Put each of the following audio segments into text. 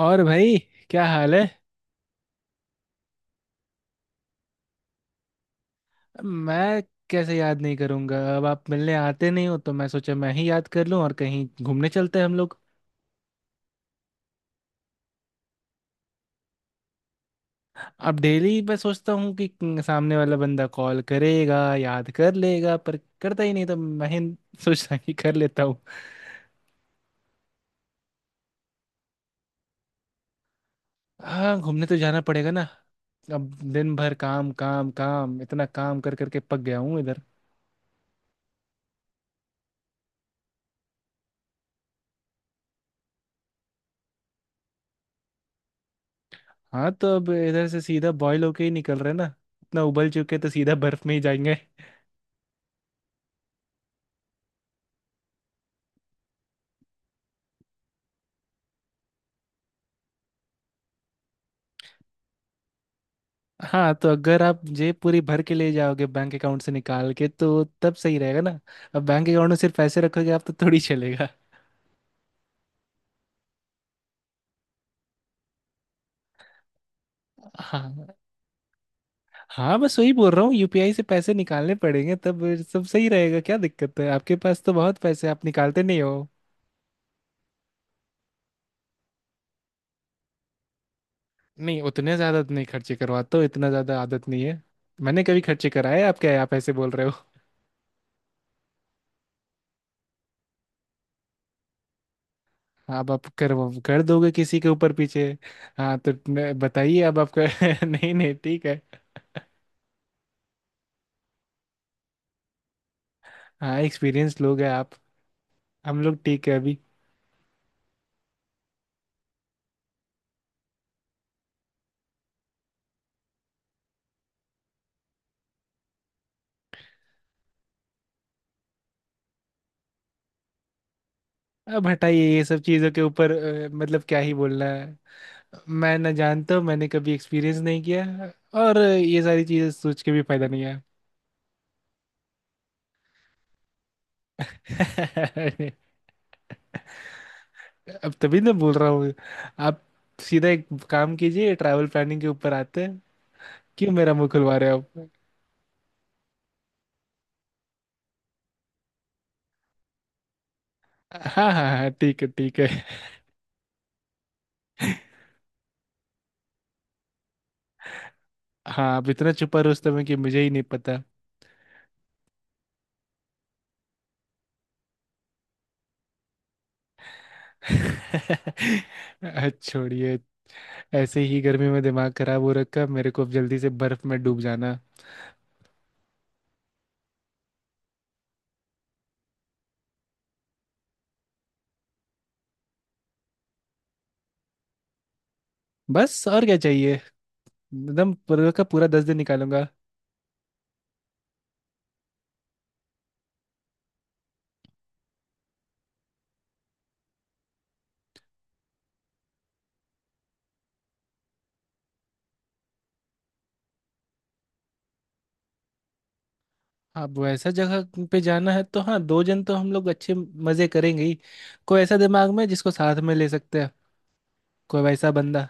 और भाई, क्या हाल है। मैं कैसे याद नहीं करूंगा? अब आप मिलने आते नहीं हो, तो मैं सोचा मैं ही याद कर लूं। और कहीं घूमने चलते हैं हम लोग। अब डेली मैं सोचता हूँ कि सामने वाला बंदा कॉल करेगा, याद कर लेगा, पर करता ही नहीं, तो मैं ही सोचता कि कर लेता हूँ। हाँ, घूमने तो जाना पड़ेगा ना। अब दिन भर काम काम काम, इतना काम कर करके पक गया हूँ इधर। हाँ, तो अब इधर से सीधा बॉयल होके ही निकल रहे हैं ना। इतना उबल चुके हैं, तो सीधा बर्फ में ही जाएंगे। हाँ, तो अगर आप जेब पूरी भर के ले जाओगे बैंक अकाउंट से निकाल के, तो तब सही रहेगा ना। अब बैंक अकाउंट में सिर्फ पैसे रखोगे आप, तो थोड़ी चलेगा। हाँ। हाँ, बस वही बोल रहा हूँ, यूपीआई से पैसे निकालने पड़ेंगे तब सब सही रहेगा। क्या दिक्कत है? आपके पास तो बहुत पैसे हैं, आप निकालते नहीं हो। नहीं, उतने ज्यादा तो नहीं खर्चे करवाते हो, इतना ज्यादा आदत नहीं है। मैंने कभी खर्चे कराए? आप क्या, आप ऐसे बोल रहे हो। अब आप कर कर दोगे किसी के ऊपर पीछे। हाँ, तो बताइए अब आपका। नहीं नहीं, ठीक है। हाँ, एक्सपीरियंस लोग हैं आप। हम लोग ठीक है अभी। अब हटाइए ये सब चीज़ों के ऊपर। मतलब क्या ही बोलना है। मैं ना जानता हूँ, मैंने कभी एक्सपीरियंस नहीं किया। और ये सारी चीज़ें सोच के भी फायदा नहीं है। अब तभी ना बोल रहा हूँ। आप सीधा एक काम कीजिए, ट्रैवल प्लानिंग के ऊपर आते हैं। क्यों मेरा मुंह खुलवा रहे हो आप? हाँ हाँ हाँ, ठीक है ठीक है। हाँ, आप इतना छुपा रुस्तम है कि मुझे ही नहीं पता। छोड़िए। ऐसे ही गर्मी में दिमाग खराब हो रखा मेरे को, अब जल्दी से बर्फ में डूब जाना। बस और क्या चाहिए। एकदम पूरा का पूरा 10 दिन निकालूंगा। अब ऐसा जगह पे जाना है तो हाँ, दो जन तो हम लोग अच्छे मजे करेंगे ही। कोई ऐसा दिमाग में जिसको साथ में ले सकते हैं, कोई वैसा बंदा।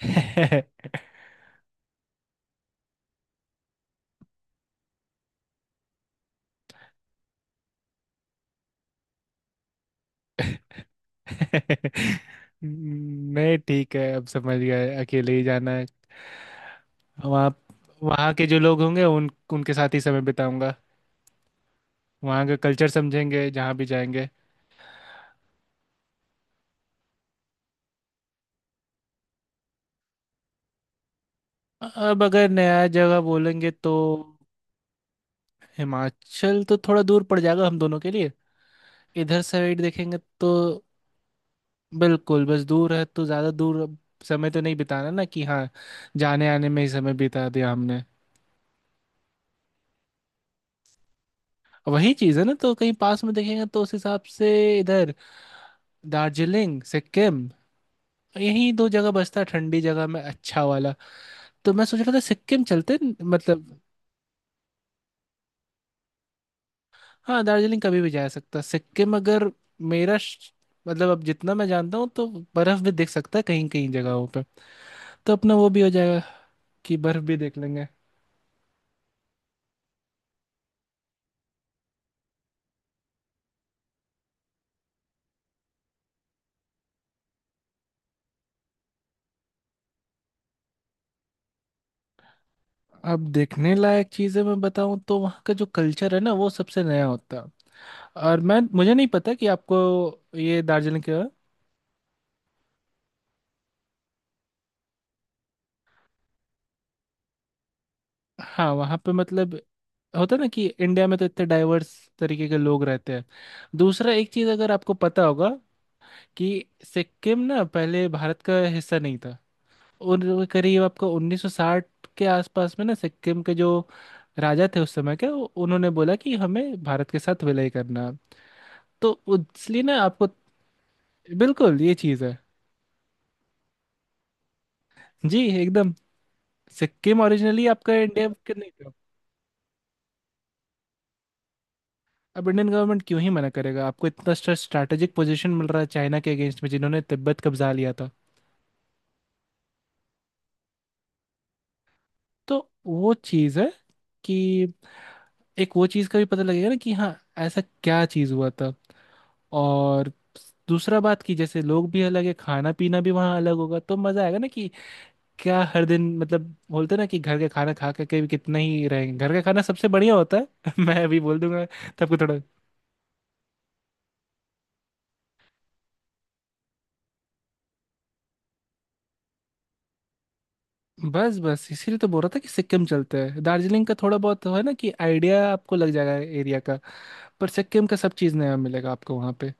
नहीं, ठीक है, अब समझ गए अकेले ही जाना है। वहाँ वहाँ के जो लोग होंगे उन उनके साथ ही समय बिताऊंगा। वहाँ का कल्चर समझेंगे जहाँ भी जाएंगे। अब अगर नया जगह बोलेंगे, तो हिमाचल तो थोड़ा दूर पड़ जाएगा हम दोनों के लिए। इधर साइड देखेंगे तो बिल्कुल, बस दूर है, तो ज़्यादा दूर अब समय तो नहीं बिताना ना कि हाँ, जाने आने में ही समय बिता दिया हमने। वही चीज़ है ना, तो कहीं पास में देखेंगे तो उस हिसाब से इधर दार्जिलिंग, सिक्किम, यही दो जगह बचता है ठंडी जगह में अच्छा वाला। तो मैं सोच रहा था सिक्किम चलते हैं, मतलब। हाँ, दार्जिलिंग कभी भी जा सकता है। सिक्किम अगर मेरा मतलब, अब जितना मैं जानता हूँ तो बर्फ भी देख सकता है कहीं कहीं जगहों पे। तो अपना वो भी हो जाएगा कि बर्फ भी देख लेंगे। अब देखने लायक चीज़ें मैं बताऊँ तो वहाँ का जो कल्चर है ना, वो सबसे नया होता है। और मैं मुझे नहीं पता कि आपको ये दार्जिलिंग का। हाँ, वहाँ पे मतलब होता है ना कि इंडिया में तो इतने डाइवर्स तरीके के लोग रहते हैं। दूसरा एक चीज़ अगर आपको पता होगा कि सिक्किम ना पहले भारत का हिस्सा नहीं था, और वो करीब आपको 1960 के आसपास में ना सिक्किम के जो राजा थे उस समय के, उन्होंने बोला कि हमें भारत के साथ विलय करना। तो इसलिए ना आपको। बिल्कुल ये चीज़ है जी, एकदम। सिक्किम ओरिजिनली आपका इंडिया का नहीं था। अब इंडियन गवर्नमेंट क्यों ही मना करेगा, आपको इतना स्ट्रैटेजिक पोजीशन मिल रहा है चाइना के अगेंस्ट में, जिन्होंने तिब्बत कब्जा लिया था। तो वो चीज़ है कि एक वो चीज़ का भी पता लगेगा ना कि हाँ, ऐसा क्या चीज़ हुआ था। और दूसरा बात कि जैसे लोग भी अलग है, खाना पीना भी वहाँ अलग होगा, तो मजा आएगा ना कि क्या हर दिन मतलब बोलते ना कि घर का खाना खा करके भी कितना ही रहेंगे, घर का खाना सबसे बढ़िया होता है। मैं अभी बोल दूंगा। तब को थोड़ा बस बस इसीलिए तो बोल रहा था कि सिक्किम चलते हैं। दार्जिलिंग का थोड़ा बहुत है ना कि आइडिया आपको लग जाएगा एरिया का, पर सिक्किम का सब चीज़ नया मिलेगा आपको वहाँ पे।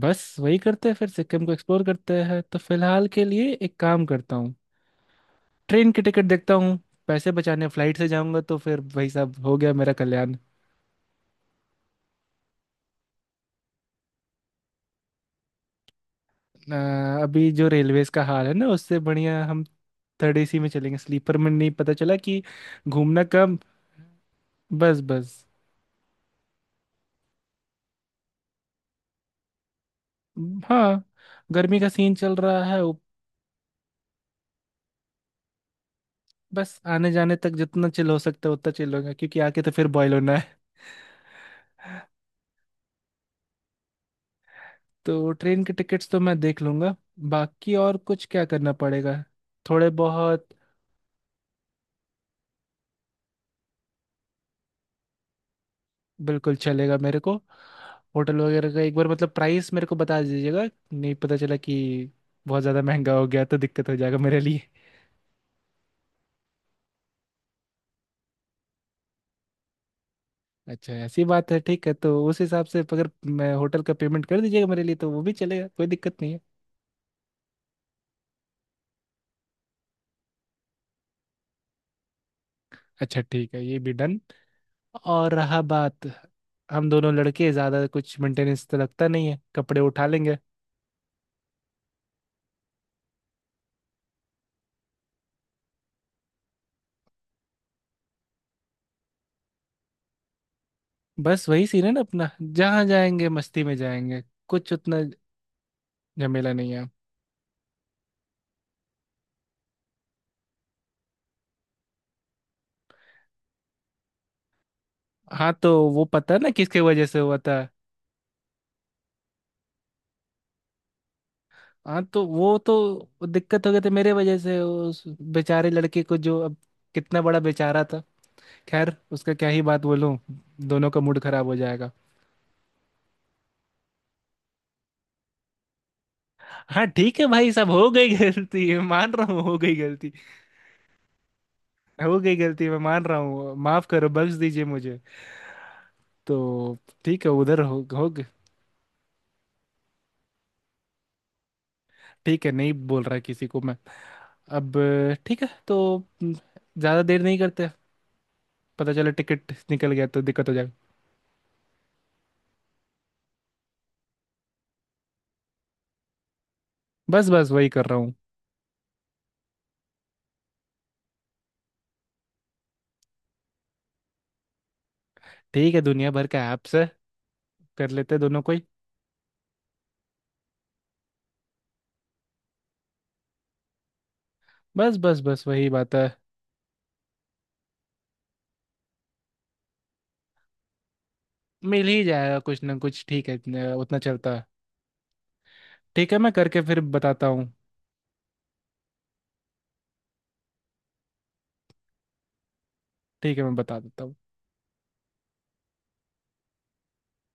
बस वही करते हैं, फिर सिक्किम को एक्सप्लोर करते हैं। तो फिलहाल के लिए एक काम करता हूँ, ट्रेन की टिकट देखता हूँ। पैसे बचाने फ्लाइट से जाऊंगा तो फिर भाई साहब हो गया मेरा कल्याण। अ, अभी जो रेलवेज का हाल है ना, उससे बढ़िया हम थर्ड एसी में चलेंगे, स्लीपर में नहीं। पता चला कि घूमना कब। बस बस। हाँ, गर्मी का सीन चल रहा है वो। बस आने जाने तक जितना चिल हो सकता है उतना चिल होगा, क्योंकि आके तो फिर बॉयल होना है। तो ट्रेन के टिकट्स तो मैं देख लूंगा। बाकी और कुछ क्या करना पड़ेगा, थोड़े बहुत। बिल्कुल चलेगा मेरे को। होटल वगैरह का एक बार मतलब प्राइस मेरे को बता दीजिएगा। नहीं, पता चला कि बहुत ज़्यादा महंगा हो गया तो दिक्कत हो जाएगा मेरे लिए। अच्छा, ऐसी बात है। ठीक है, तो उस हिसाब से अगर मैं होटल का पेमेंट कर दीजिएगा मेरे लिए, तो वो भी चलेगा, कोई दिक्कत नहीं है। अच्छा, ठीक है, ये भी डन। और रहा बात, हम दोनों लड़के ज़्यादा कुछ मेंटेनेंस तो लगता नहीं है, कपड़े उठा लेंगे। बस वही सीन है ना अपना, जहाँ जाएंगे मस्ती में जाएंगे, कुछ उतना झमेला नहीं है। हाँ, तो वो पता ना किसके वजह से हुआ था। हाँ, तो वो तो दिक्कत हो गई थी मेरे वजह से, उस बेचारे लड़के को जो अब, कितना बड़ा बेचारा था, खैर उसका क्या ही बात बोलूं, दोनों का मूड खराब हो जाएगा। हाँ, ठीक है भाई साहब, हो गई गलती मैं मान रहा हूँ, हो गई गलती। हो गई गलती मैं मान रहा हूँ, माफ करो, बख्श दीजिए मुझे। तो ठीक है, उधर हो गए। ठीक है, नहीं बोल रहा किसी को मैं अब। ठीक है, तो ज्यादा देर नहीं करते, पता चला टिकट निकल गया तो दिक्कत हो जाएगी। बस बस, वही कर रहा हूँ। ठीक है, दुनिया भर का ऐप्स है, कर लेते हैं दोनों को ही। बस बस बस, वही बात है। मिल ही जाएगा कुछ ना कुछ, ठीक है, उतना चलता है। ठीक है, मैं करके फिर बताता हूँ। ठीक है, मैं बता देता हूँ।